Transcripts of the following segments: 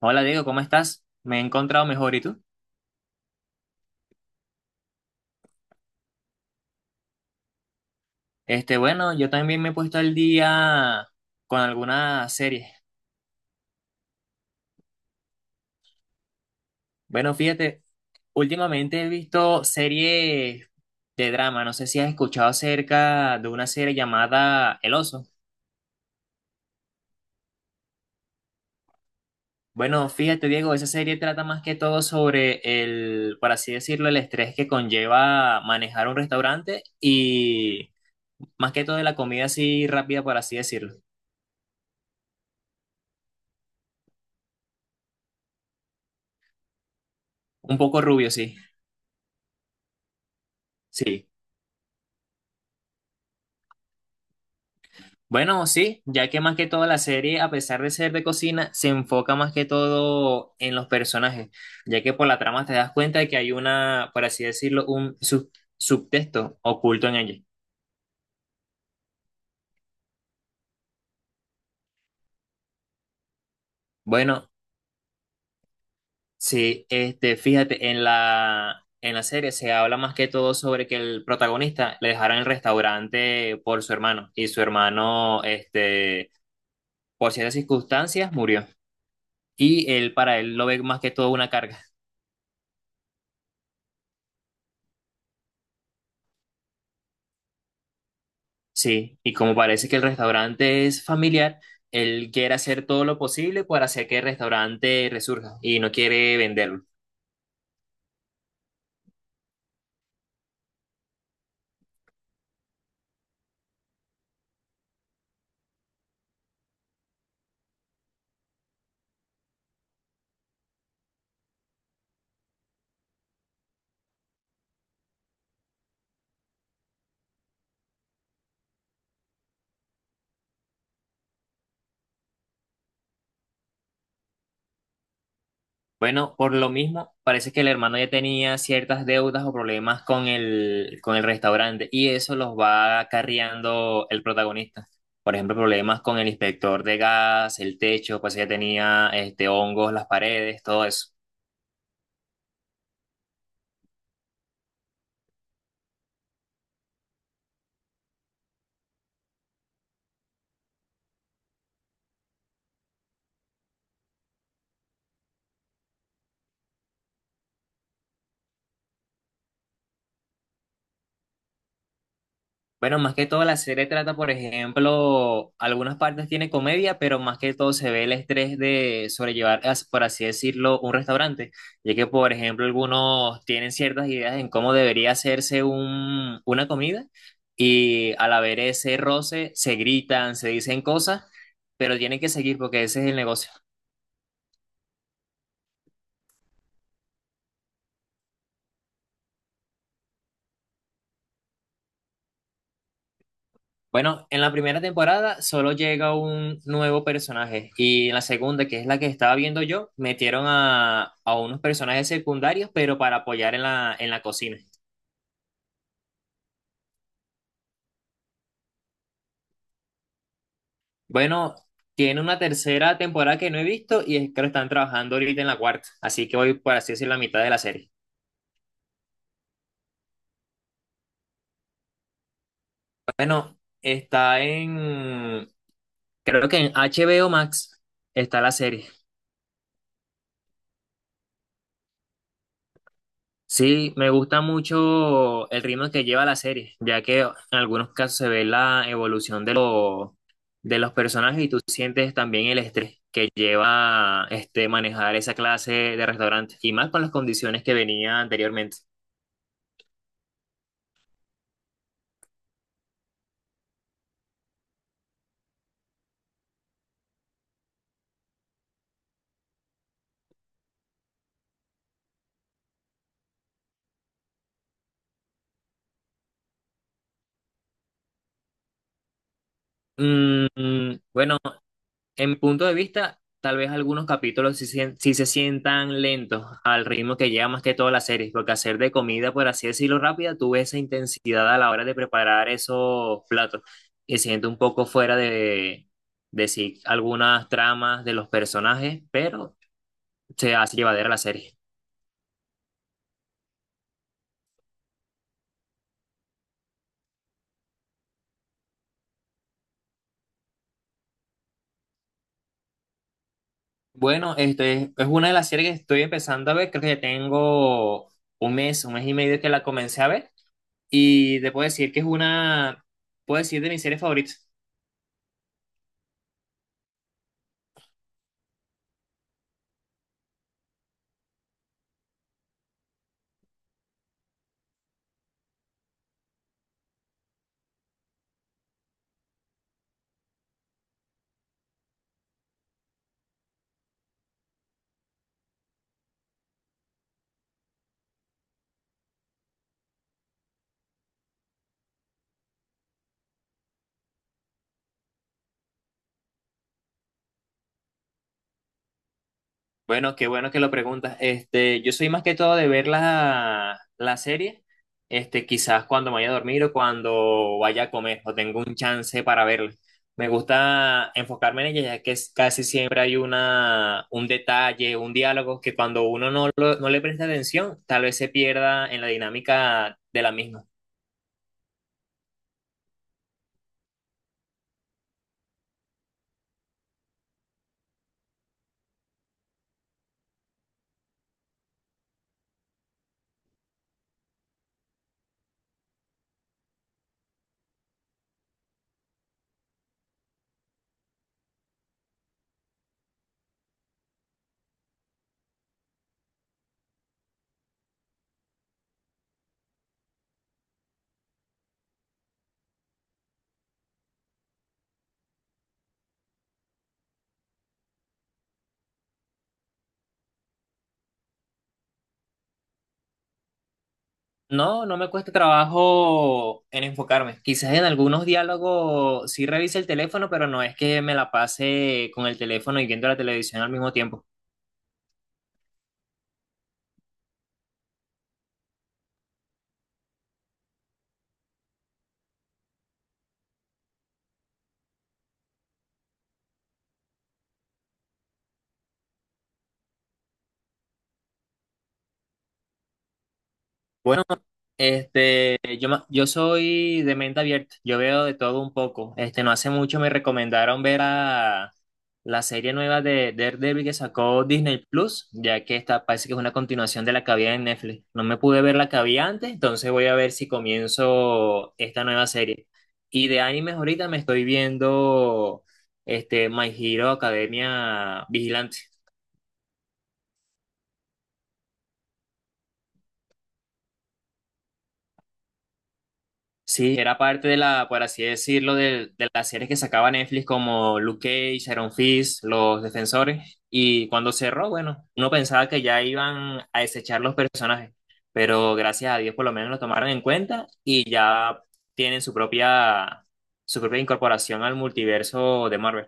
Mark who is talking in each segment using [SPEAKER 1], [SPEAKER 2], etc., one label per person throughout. [SPEAKER 1] Hola Diego, ¿cómo estás? Me he encontrado mejor, ¿y tú? Bueno, yo también me he puesto al día con alguna serie. Bueno, fíjate, últimamente he visto series de drama. No sé si has escuchado acerca de una serie llamada El Oso. Bueno, fíjate, Diego, esa serie trata más que todo sobre el, por así decirlo, el estrés que conlleva manejar un restaurante y más que todo de la comida así rápida, por así decirlo. Un poco rubio, sí. Sí. Bueno, sí, ya que más que todo la serie, a pesar de ser de cocina, se enfoca más que todo en los personajes, ya que por la trama te das cuenta de que hay una, por así decirlo, un subtexto oculto en ella. Bueno, sí, fíjate, en la serie se habla más que todo sobre que el protagonista le dejaron el restaurante por su hermano, y su hermano, por ciertas circunstancias, murió. Y él, para él, lo ve más que todo una carga. Sí, y como parece que el restaurante es familiar, él quiere hacer todo lo posible para hacer que el restaurante resurja y no quiere venderlo. Bueno, por lo mismo, parece que el hermano ya tenía ciertas deudas o problemas con el restaurante y eso los va acarreando el protagonista. Por ejemplo, problemas con el inspector de gas, el techo, pues ya tenía hongos, las paredes, todo eso. Bueno, más que todo la serie trata, por ejemplo, algunas partes tiene comedia, pero más que todo se ve el estrés de sobrellevar, por así decirlo, un restaurante, ya que, por ejemplo, algunos tienen ciertas ideas en cómo debería hacerse una comida y al haber ese roce se gritan, se dicen cosas, pero tienen que seguir porque ese es el negocio. Bueno, en la primera temporada solo llega un nuevo personaje y en la segunda, que es la que estaba viendo yo, metieron a unos personajes secundarios, pero para apoyar en la cocina. Bueno, tiene una tercera temporada que no he visto y es que lo están trabajando ahorita en la cuarta, así que voy por así decir la mitad de la serie. Bueno, creo que en HBO Max está la serie. Sí, me gusta mucho el ritmo que lleva la serie, ya que en algunos casos se ve la evolución de, de los personajes y tú sientes también el estrés que lleva manejar esa clase de restaurante y más con las condiciones que venía anteriormente. Bueno, en mi punto de vista, tal vez algunos capítulos sí, sí se sientan lentos al ritmo que lleva más que toda la serie, porque hacer de comida, por así decirlo, rápida, tuve esa intensidad a la hora de preparar esos platos y siento un poco fuera de sí algunas tramas de los personajes, pero se hace llevadera la serie. Bueno, este es una de las series que estoy empezando a ver, creo que ya tengo un mes y medio que la comencé a ver y te puedo decir que es una, puedo decir de mis series favoritas. Bueno, qué bueno que lo preguntas. Este, yo soy más que todo de ver la serie, quizás cuando me vaya a dormir o cuando vaya a comer o tengo un chance para verla. Me gusta enfocarme en ella, ya que casi siempre hay una, un detalle, un diálogo que cuando uno no, no le presta atención, tal vez se pierda en la dinámica de la misma. No, no me cuesta trabajo en enfocarme. Quizás en algunos diálogos sí revise el teléfono, pero no es que me la pase con el teléfono y viendo la televisión al mismo tiempo. Bueno, yo soy de mente abierta, yo veo de todo un poco. Este, no hace mucho me recomendaron ver a la serie nueva de Daredevil que sacó Disney Plus, ya que esta parece que es una continuación de la que había en Netflix. No me pude ver la que había antes, entonces voy a ver si comienzo esta nueva serie. Y de animes ahorita me estoy viendo My Hero Academia Vigilante. Sí, era parte de la, por así decirlo, de las series que sacaba Netflix como Luke Cage, Iron Fist, Los Defensores. Y cuando cerró, bueno, uno pensaba que ya iban a desechar los personajes, pero gracias a Dios por lo menos lo tomaron en cuenta y ya tienen su propia incorporación al multiverso de Marvel.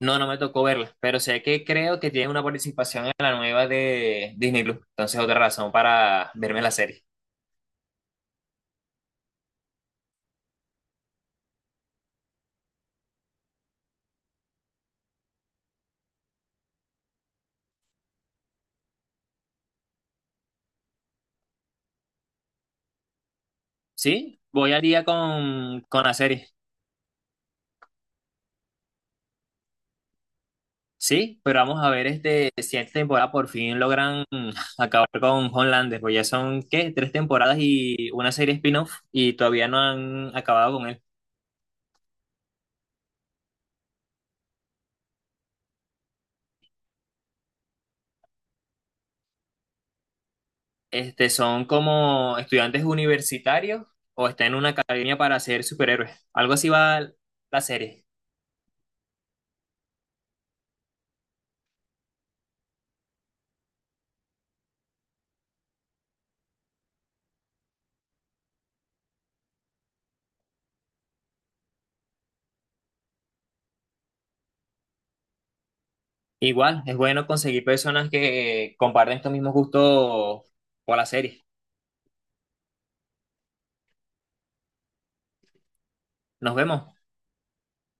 [SPEAKER 1] No, no me tocó verla, pero sé que creo que tiene una participación en la nueva de Disney Plus. Entonces, otra razón para verme la serie. Sí, voy al día con la serie. Sí, pero vamos a ver este, si esta temporada por fin logran acabar con Homelander, pues ya son, ¿qué? Tres temporadas y una serie spin-off y todavía no han acabado con él. Este, son como estudiantes universitarios o están en una academia para ser superhéroes. Algo así va la serie. Igual, es bueno conseguir personas que comparten estos mismos gustos por la serie. Nos vemos.